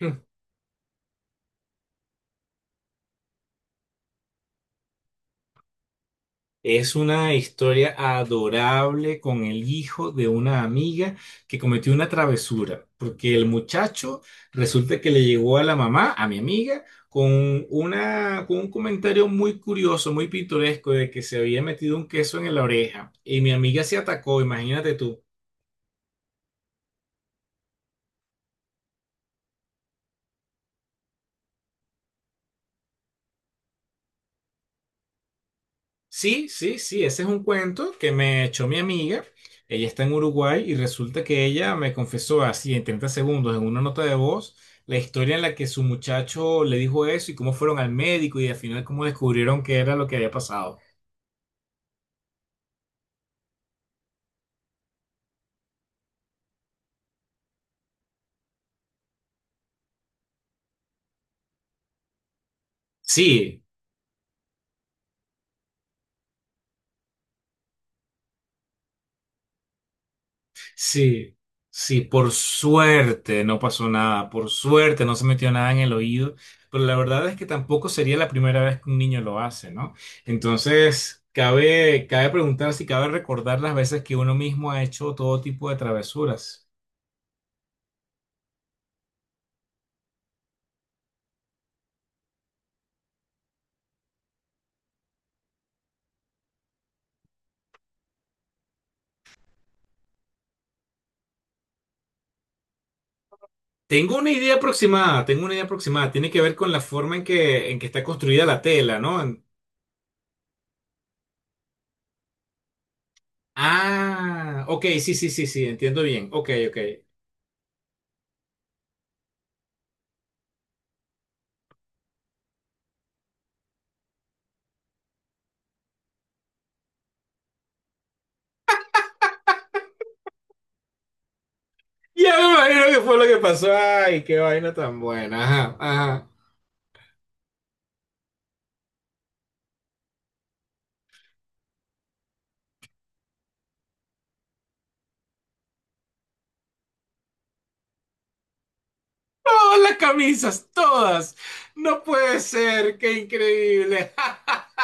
Mm. Es una historia adorable con el hijo de una amiga que cometió una travesura, porque el muchacho resulta que le llegó a la mamá, a mi amiga, con un comentario muy curioso, muy pintoresco de que se había metido un queso en la oreja y mi amiga se atacó, imagínate tú. Sí, sí, sí, ese es un cuento que me echó mi amiga. Ella está en Uruguay y resulta que ella me confesó así en 30 segundos en una nota de voz la historia en la que su muchacho le dijo eso y cómo fueron al médico y al final cómo descubrieron que era lo que había pasado. Sí, sí, sí, por suerte no pasó nada, por suerte no se metió nada en el oído, pero la verdad es que tampoco sería la primera vez que un niño lo hace, ¿no? Entonces, cabe preguntar si cabe recordar las veces que uno mismo ha hecho todo tipo de travesuras. Tengo una idea aproximada, tengo una idea aproximada, tiene que ver con la forma en que está construida la tela, ¿no? Ah, ok, sí, sí, sí, sí, entiendo bien, ok, ok. Ya me imagino que fue lo que pasó. Ay, qué vaina tan buena. Ajá, ajá. Todas las camisas, todas. No puede ser, qué increíble.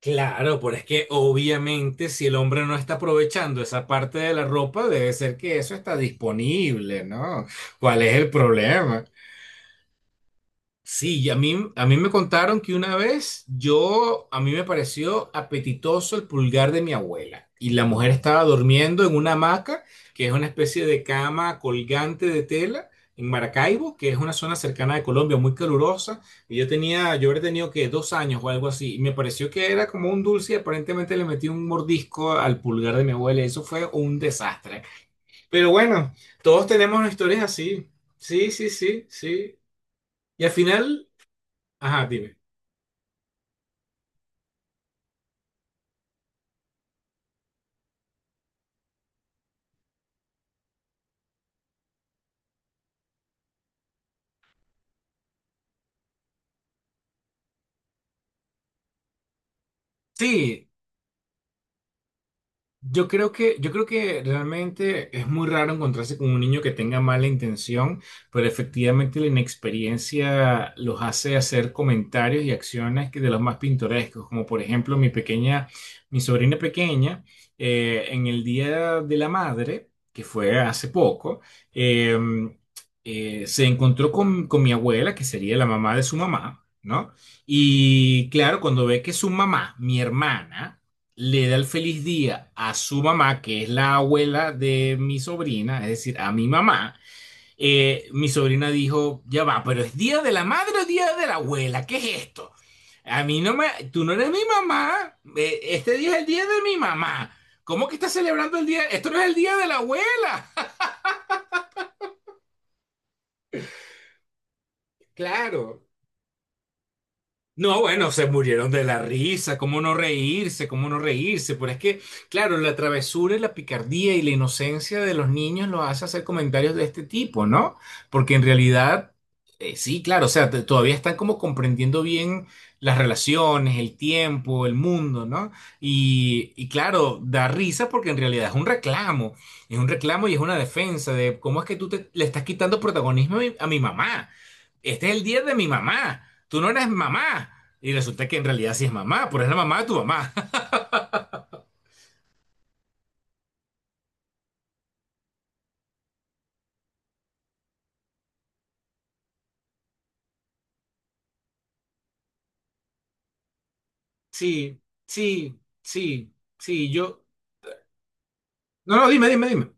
Claro, pero es que obviamente si el hombre no está aprovechando esa parte de la ropa, debe ser que eso está disponible, ¿no? ¿Cuál es el problema? Sí, y a mí me contaron que una vez yo, a mí me pareció apetitoso el pulgar de mi abuela. Y la mujer estaba durmiendo en una hamaca, que es una especie de cama colgante de tela, en Maracaibo, que es una zona cercana de Colombia, muy calurosa. Y yo tenía, yo habría tenido que 2 años o algo así. Y me pareció que era como un dulce y aparentemente le metí un mordisco al pulgar de mi abuela. Y Eso fue un desastre. Pero bueno, todos tenemos historias así. Sí, sí, sí, sí. Y al final... Ajá, dime. Sí, yo creo que realmente es muy raro encontrarse con un niño que tenga mala intención, pero efectivamente la inexperiencia los hace hacer comentarios y acciones que de los más pintorescos, como por ejemplo mi pequeña, mi sobrina pequeña, en el Día de la Madre, que fue hace poco, eh, se encontró con mi abuela, que sería la mamá de su mamá, ¿no? Y claro, cuando ve que su mamá, mi hermana, le da el feliz día a su mamá, que es la abuela de mi sobrina, es decir, a mi mamá, mi sobrina dijo, ya va, pero ¿es día de la madre o día de la abuela? ¿Qué es esto? A mí no me, tú no eres mi mamá, este día es el día de mi mamá. ¿Cómo que estás celebrando el día? Esto no es el día de la abuela. Claro. No, bueno, se murieron de la risa, cómo no reírse, pero es que, claro, la travesura y la picardía y la inocencia de los niños los hace hacer comentarios de este tipo, ¿no? Porque en realidad, sí, claro, o sea, todavía están como comprendiendo bien las relaciones, el tiempo, el mundo, ¿no? Y claro, da risa porque en realidad es un reclamo y es una defensa de cómo es que tú te- le estás quitando protagonismo a mi mamá. Este es el día de mi mamá, tú no eres mamá. Y resulta que en realidad sí es mamá, pero es la mamá de tu mamá. Sí, sí, sí, sí, yo, no, no, dime, dime, dime.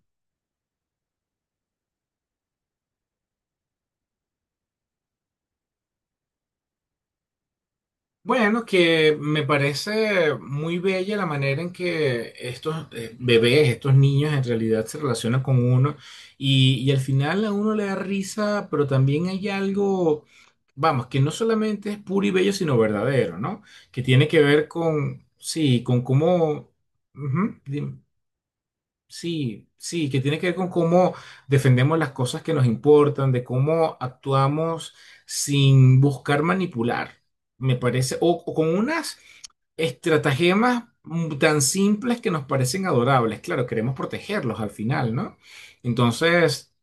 Bueno, que me parece muy bella la manera en que estos bebés, estos niños en realidad se relacionan con uno y al final a uno le da risa, pero también hay algo, vamos, que no solamente es puro y bello, sino verdadero, ¿no? Que tiene que ver con, sí, con cómo... Ujú, dime. Sí, sí, que tiene que ver con cómo defendemos las cosas que nos importan, de cómo actuamos sin buscar manipular, me parece, o con unas estratagemas tan simples que nos parecen adorables. Claro, queremos protegerlos al final, ¿no? Entonces,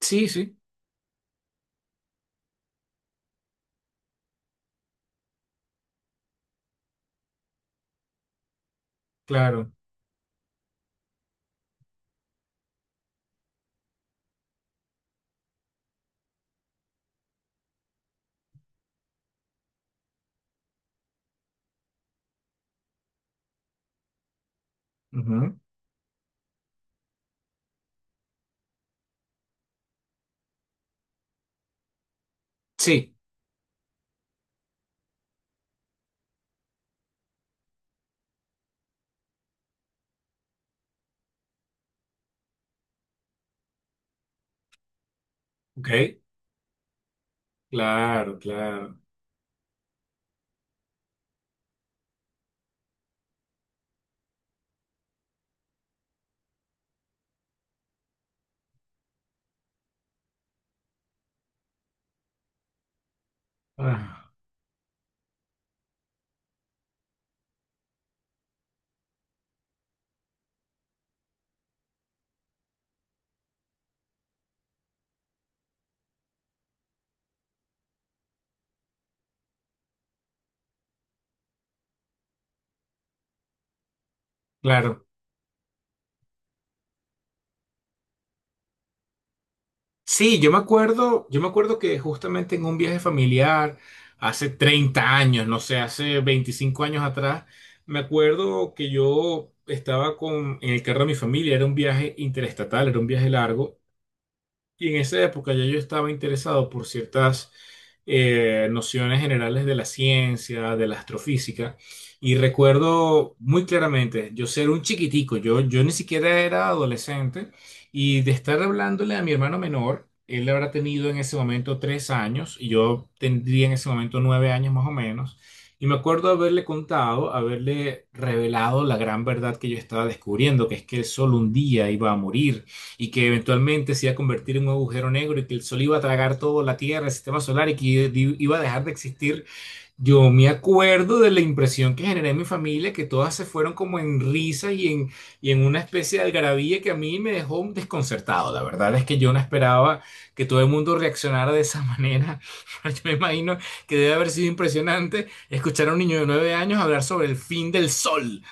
sí, sí, claro. Ujú. Sí, ok, claro, claro. Ah, claro. Sí, yo me acuerdo que justamente en un viaje familiar, hace 30 años, no sé, hace 25 años atrás, me acuerdo que yo estaba con, en el carro de mi familia, era un viaje interestatal, era un viaje largo, y en esa época ya yo estaba interesado por ciertas nociones generales de la ciencia, de la astrofísica, y recuerdo muy claramente yo ser un chiquitico, yo ni siquiera era adolescente, y de estar hablándole a mi hermano menor, él habrá tenido en ese momento 3 años, y yo tendría en ese momento 9 años más o menos, y me acuerdo haberle contado, haberle revelado la gran verdad que yo estaba descubriendo, que es que el sol un día iba a morir y que eventualmente se iba a convertir en un agujero negro y que el Sol iba a tragar toda la Tierra, el sistema solar y que iba a dejar de existir. Yo me acuerdo de la impresión que generé en mi familia, que todas se fueron como en risas y en una especie de algarabía que a mí me dejó desconcertado. La verdad es que yo no esperaba que todo el mundo reaccionara de esa manera. Yo me imagino que debe haber sido impresionante escuchar a un niño de 9 años hablar sobre el fin del Sol.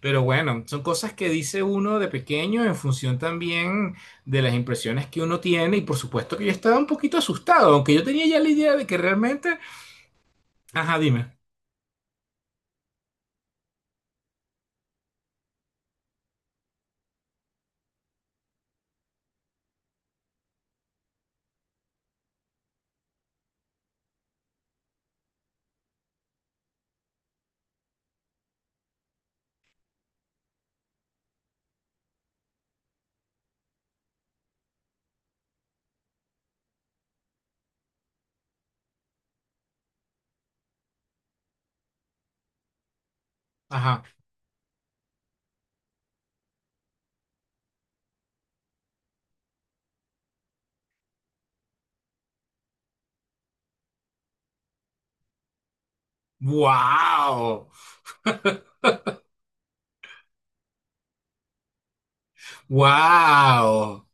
Pero bueno, son cosas que dice uno de pequeño en función también de las impresiones que uno tiene y por supuesto que yo estaba un poquito asustado, aunque yo tenía ya la idea de que realmente... Ajá, dime. Ajá. ¡Wow! ¡Wow!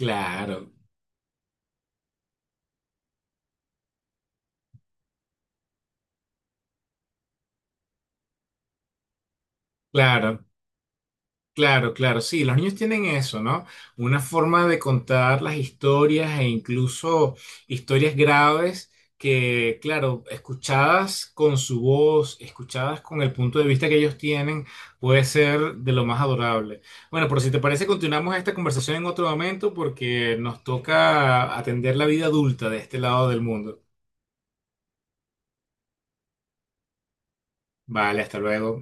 Claro, claro. Claro, claro, sí, los niños tienen eso, ¿no? Una forma de contar las historias e incluso historias graves que, claro, escuchadas con su voz, escuchadas con el punto de vista que ellos tienen, puede ser de lo más adorable. Bueno, pero si te parece, continuamos esta conversación en otro momento porque nos toca atender la vida adulta de este lado del mundo. Vale, hasta luego.